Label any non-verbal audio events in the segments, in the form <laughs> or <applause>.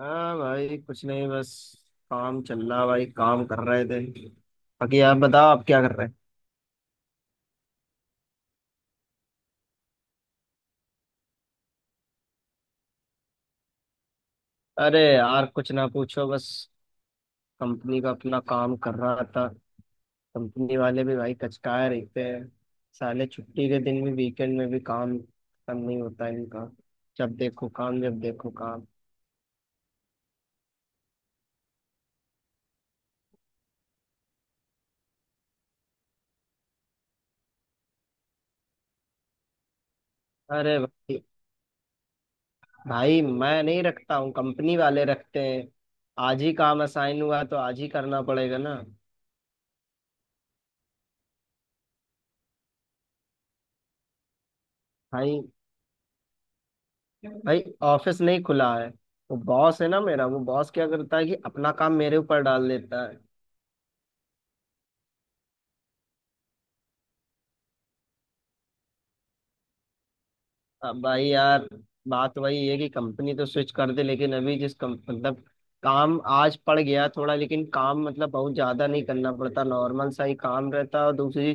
हाँ भाई, कुछ नहीं। बस काम चल रहा, भाई। काम कर रहे थे। बाकी आप बताओ, आप क्या कर रहे हैं? अरे यार, कुछ ना पूछो। बस कंपनी का अपना काम कर रहा था। कंपनी वाले भी, भाई, कचकाए रहते हैं। साले छुट्टी के दिन भी, वीकेंड में भी काम खत्म नहीं होता इनका। जब देखो काम, जब देखो काम। अरे भाई! भाई, मैं नहीं रखता हूँ, कंपनी वाले रखते हैं। आज ही काम असाइन हुआ तो आज ही करना पड़ेगा ना। भाई! भाई, ऑफिस नहीं खुला है। वो बॉस है ना मेरा, वो बॉस क्या करता है कि अपना काम मेरे ऊपर डाल देता है। अब भाई यार, बात वही है कि कंपनी तो स्विच कर दे, लेकिन अभी जिस कम मतलब काम आज पड़ गया थोड़ा। लेकिन काम मतलब बहुत ज्यादा नहीं करना पड़ता, नॉर्मल सा ही काम रहता है। और दूसरी,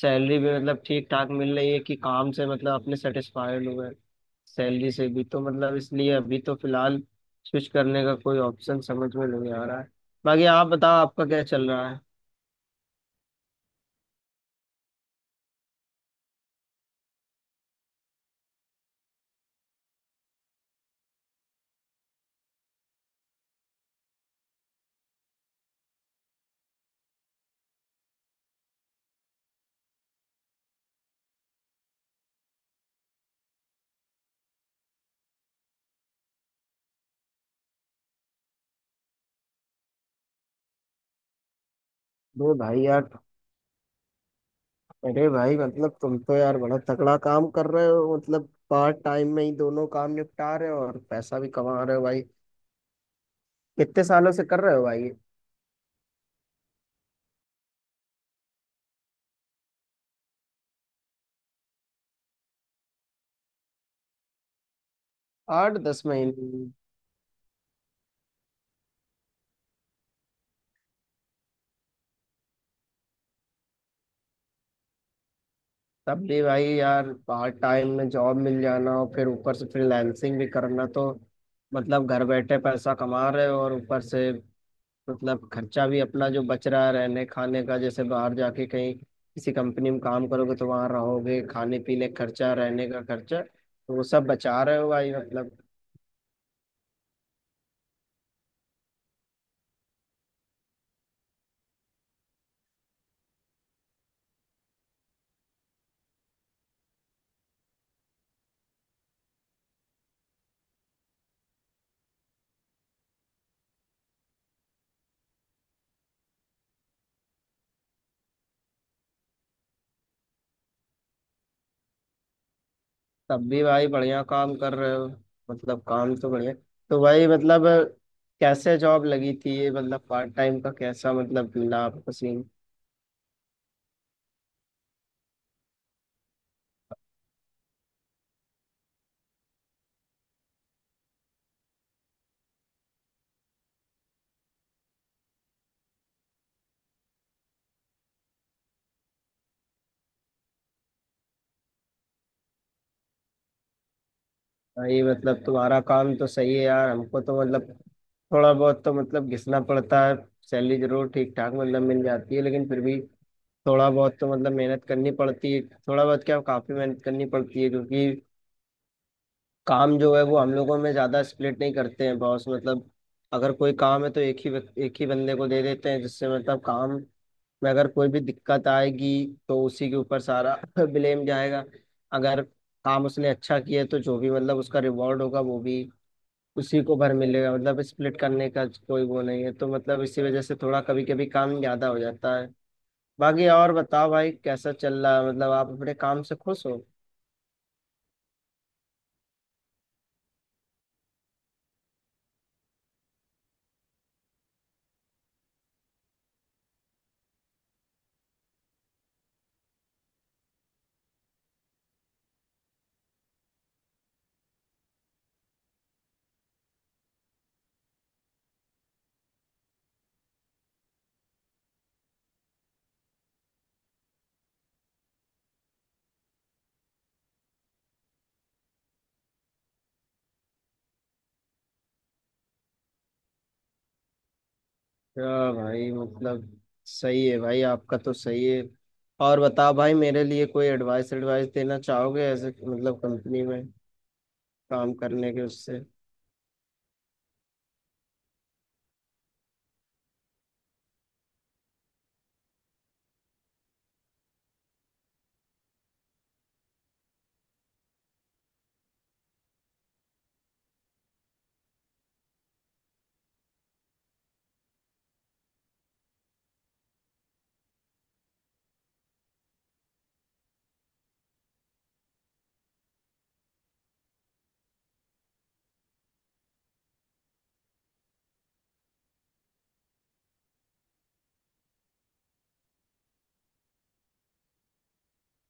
सैलरी भी मतलब ठीक ठाक मिल रही है कि काम से मतलब अपने सेटिस्फाइड हुए, सैलरी से भी तो मतलब, इसलिए अभी तो फिलहाल स्विच करने का कोई ऑप्शन समझ में नहीं आ रहा है। बाकी आप बताओ, आपका क्या चल रहा है? अरे भाई यार! अरे भाई, मतलब तुम तो यार बड़ा तगड़ा काम कर रहे हो। मतलब पार्ट टाइम में ही दोनों काम निपटा रहे हो और पैसा भी कमा रहे हो, भाई। कितने सालों से कर रहे हो, भाई? आठ दस महीने? तब भी भाई यार, पार्ट टाइम में जॉब मिल जाना और फिर ऊपर से फ्रीलांसिंग भी करना तो मतलब घर बैठे पैसा कमा रहे हो। और ऊपर से मतलब खर्चा भी अपना जो बच रहा है रहने खाने का, जैसे बाहर जाके कहीं किसी कंपनी में काम करोगे तो वहां रहोगे, खाने पीने का खर्चा, रहने का खर्चा, तो वो सब बचा रहे हो, भाई मतलब। तब भी भाई, बढ़िया काम कर रहे हो। मतलब काम तो बढ़िया। तो भाई मतलब कैसे जॉब लगी थी ये, मतलब पार्ट टाइम का कैसा मतलब मिला आपको सीन? भाई मतलब तुम्हारा काम तो सही है यार, हमको तो मतलब थोड़ा बहुत तो मतलब घिसना पड़ता है। सैलरी जरूर ठीक ठाक मतलब मिल जाती है, लेकिन फिर भी थोड़ा बहुत तो मतलब मेहनत करनी पड़ती है। थोड़ा बहुत क्या, काफी मेहनत करनी पड़ती है, क्योंकि काम जो है वो हम लोगों में ज्यादा स्प्लिट नहीं करते हैं बॉस, मतलब अगर कोई काम है तो एक ही एक ही बंदे को दे देते हैं, जिससे मतलब काम में अगर कोई भी दिक्कत आएगी तो उसी के ऊपर सारा <laughs> ब्लेम जाएगा। अगर काम उसने अच्छा किया है, तो जो भी मतलब उसका रिवॉर्ड होगा वो भी उसी को भर मिलेगा। मतलब स्प्लिट करने का कोई वो नहीं है, तो मतलब इसी वजह से थोड़ा कभी कभी काम ज्यादा हो जाता है। बाकी और बताओ भाई, कैसा चल रहा है? मतलब आप अपने काम से खुश हो? हाँ भाई, मतलब सही है भाई, आपका तो सही है। और बताओ भाई, मेरे लिए कोई एडवाइस एडवाइस देना चाहोगे ऐसे, मतलब कंपनी में काम करने के उससे?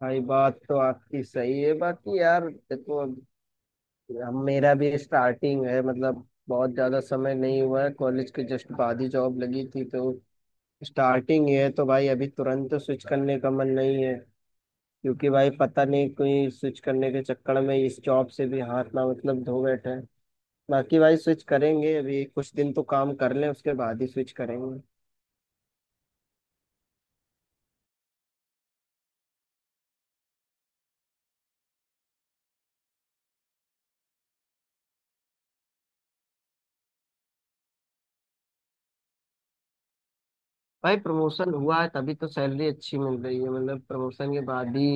भाई बात तो आपकी सही है। बाकी यार देखो, अब मेरा भी स्टार्टिंग है। मतलब बहुत ज़्यादा समय नहीं हुआ है, कॉलेज के जस्ट बाद ही जॉब लगी थी, तो स्टार्टिंग ही है। तो भाई अभी तुरंत तो स्विच करने का मन नहीं है, क्योंकि भाई पता नहीं कोई स्विच करने के चक्कर में इस जॉब से भी हाथ ना मतलब धो बैठे हैं। बाकी भाई स्विच करेंगे, अभी कुछ दिन तो काम कर लें उसके बाद ही स्विच करेंगे। भाई प्रमोशन हुआ है तभी तो सैलरी अच्छी मिल रही है। मतलब प्रमोशन के बाद ही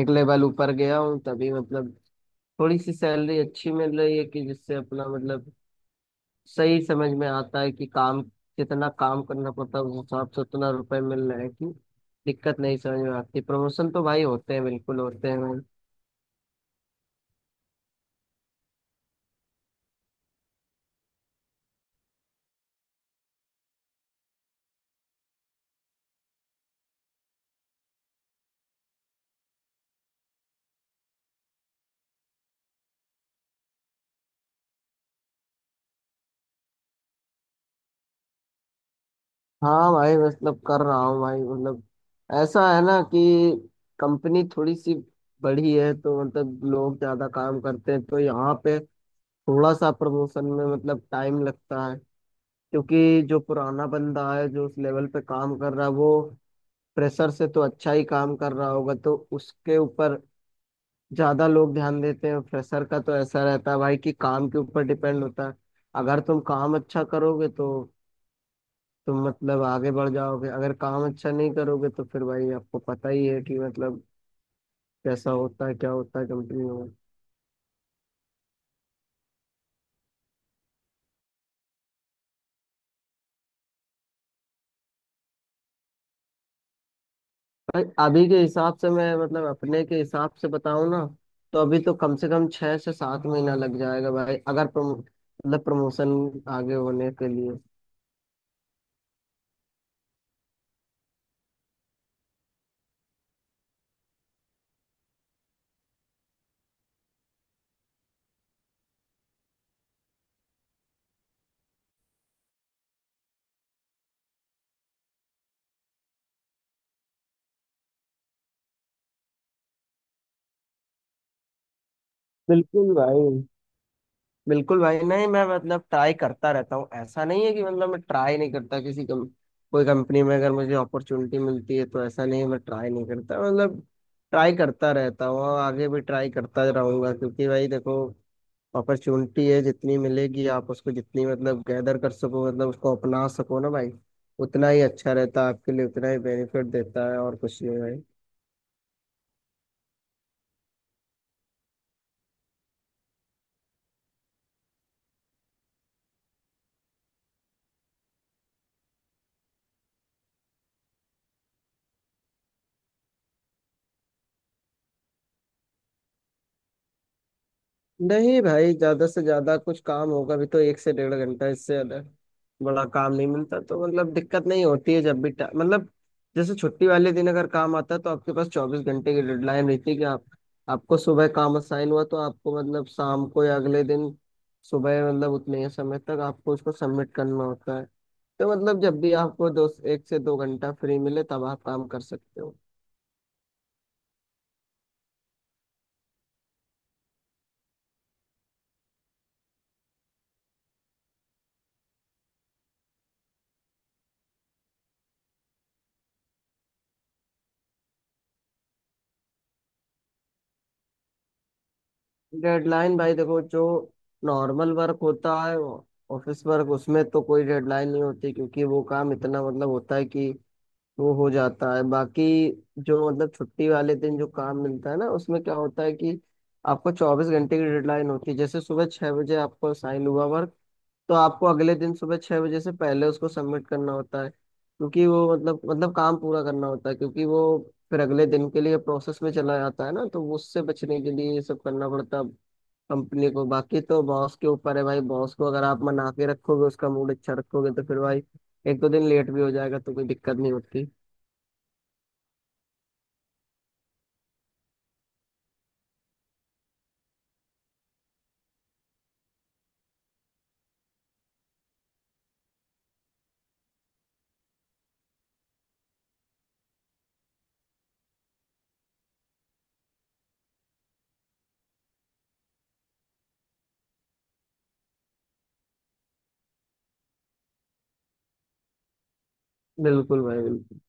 एक लेवल ऊपर गया हूँ, तभी मतलब थोड़ी सी सैलरी अच्छी मिल रही है, कि जिससे अपना मतलब सही समझ में आता है कि काम, जितना काम करना पड़ता है उस हिसाब से उतना रुपए मिल रहे हैं कि दिक्कत नहीं समझ में आती। प्रमोशन तो भाई होते हैं, बिल्कुल होते हैं भाई। हाँ भाई, मतलब कर रहा हूँ भाई। मतलब ऐसा है ना कि कंपनी थोड़ी सी बड़ी है तो मतलब लोग ज्यादा काम करते हैं, तो यहाँ पे थोड़ा सा प्रमोशन में मतलब टाइम लगता है। क्योंकि जो पुराना बंदा है जो उस लेवल पे काम कर रहा है, वो प्रेशर से तो अच्छा ही काम कर रहा होगा, तो उसके ऊपर ज्यादा लोग ध्यान देते हैं। प्रेशर का तो ऐसा रहता है भाई कि काम के ऊपर डिपेंड होता है। अगर तुम काम अच्छा करोगे तो तुम मतलब आगे बढ़ जाओगे। अगर काम अच्छा नहीं करोगे तो फिर भाई आपको पता ही है कि मतलब कैसा होता है, क्या होता है कंपनी में। भाई अभी के हिसाब से मैं मतलब अपने के हिसाब से बताऊं ना, तो अभी तो कम से कम 6 से 7 महीना लग जाएगा, भाई, अगर प्रमोशन आगे होने के लिए। बिल्कुल भाई, बिल्कुल भाई। नहीं, मैं मतलब ट्राई करता रहता हूँ, ऐसा नहीं है कि मतलब मैं ट्राई नहीं करता। कोई कंपनी में अगर मुझे अपॉर्चुनिटी मिलती है तो ऐसा नहीं है मैं ट्राई नहीं करता। मतलब ट्राई करता रहता हूँ और आगे भी ट्राई करता रहूंगा, क्योंकि भाई देखो अपॉर्चुनिटी है, जितनी मिलेगी आप उसको जितनी मतलब गैदर कर सको, मतलब उसको अपना सको ना भाई, उतना ही अच्छा रहता है आपके लिए, उतना ही बेनिफिट देता है और कुछ नहीं भाई। नहीं भाई, ज्यादा से ज्यादा कुछ काम होगा भी तो 1 से 1.5 घंटा, इससे ज्यादा बड़ा काम नहीं मिलता। तो मतलब दिक्कत नहीं होती है। जब भी मतलब जैसे छुट्टी वाले दिन अगर काम आता है तो आपके पास 24 घंटे की डेडलाइन रहती है, कि आप, आपको सुबह काम असाइन हुआ तो आपको मतलब शाम को या अगले दिन सुबह मतलब उतने ही समय तक आपको उसको सबमिट करना होता है। तो मतलब जब भी आपको दो 1 से 2 घंटा फ्री मिले तब आप काम कर सकते हो। डेडलाइन, भाई देखो, जो नॉर्मल वर्क होता है ऑफिस वर्क, उसमें तो कोई डेडलाइन नहीं होती क्योंकि वो काम इतना मतलब होता है कि वो हो जाता है। बाकी जो मतलब छुट्टी वाले दिन जो काम मिलता है ना, उसमें क्या होता है कि आपको 24 घंटे की डेडलाइन होती है। जैसे सुबह 6 बजे आपको साइन हुआ वर्क, तो आपको अगले दिन सुबह 6 बजे से पहले उसको सबमिट करना होता है, क्योंकि वो मतलब काम पूरा करना होता है, क्योंकि वो फिर अगले दिन के लिए प्रोसेस में चला जाता है ना। तो उससे बचने के लिए ये सब करना पड़ता है कंपनी को। बाकी तो बॉस के ऊपर है भाई, बॉस को अगर आप मना के रखोगे, उसका मूड अच्छा रखोगे, तो फिर भाई एक दो दिन लेट भी हो जाएगा तो कोई दिक्कत नहीं होती। बिल्कुल भाई, बिल्कुल।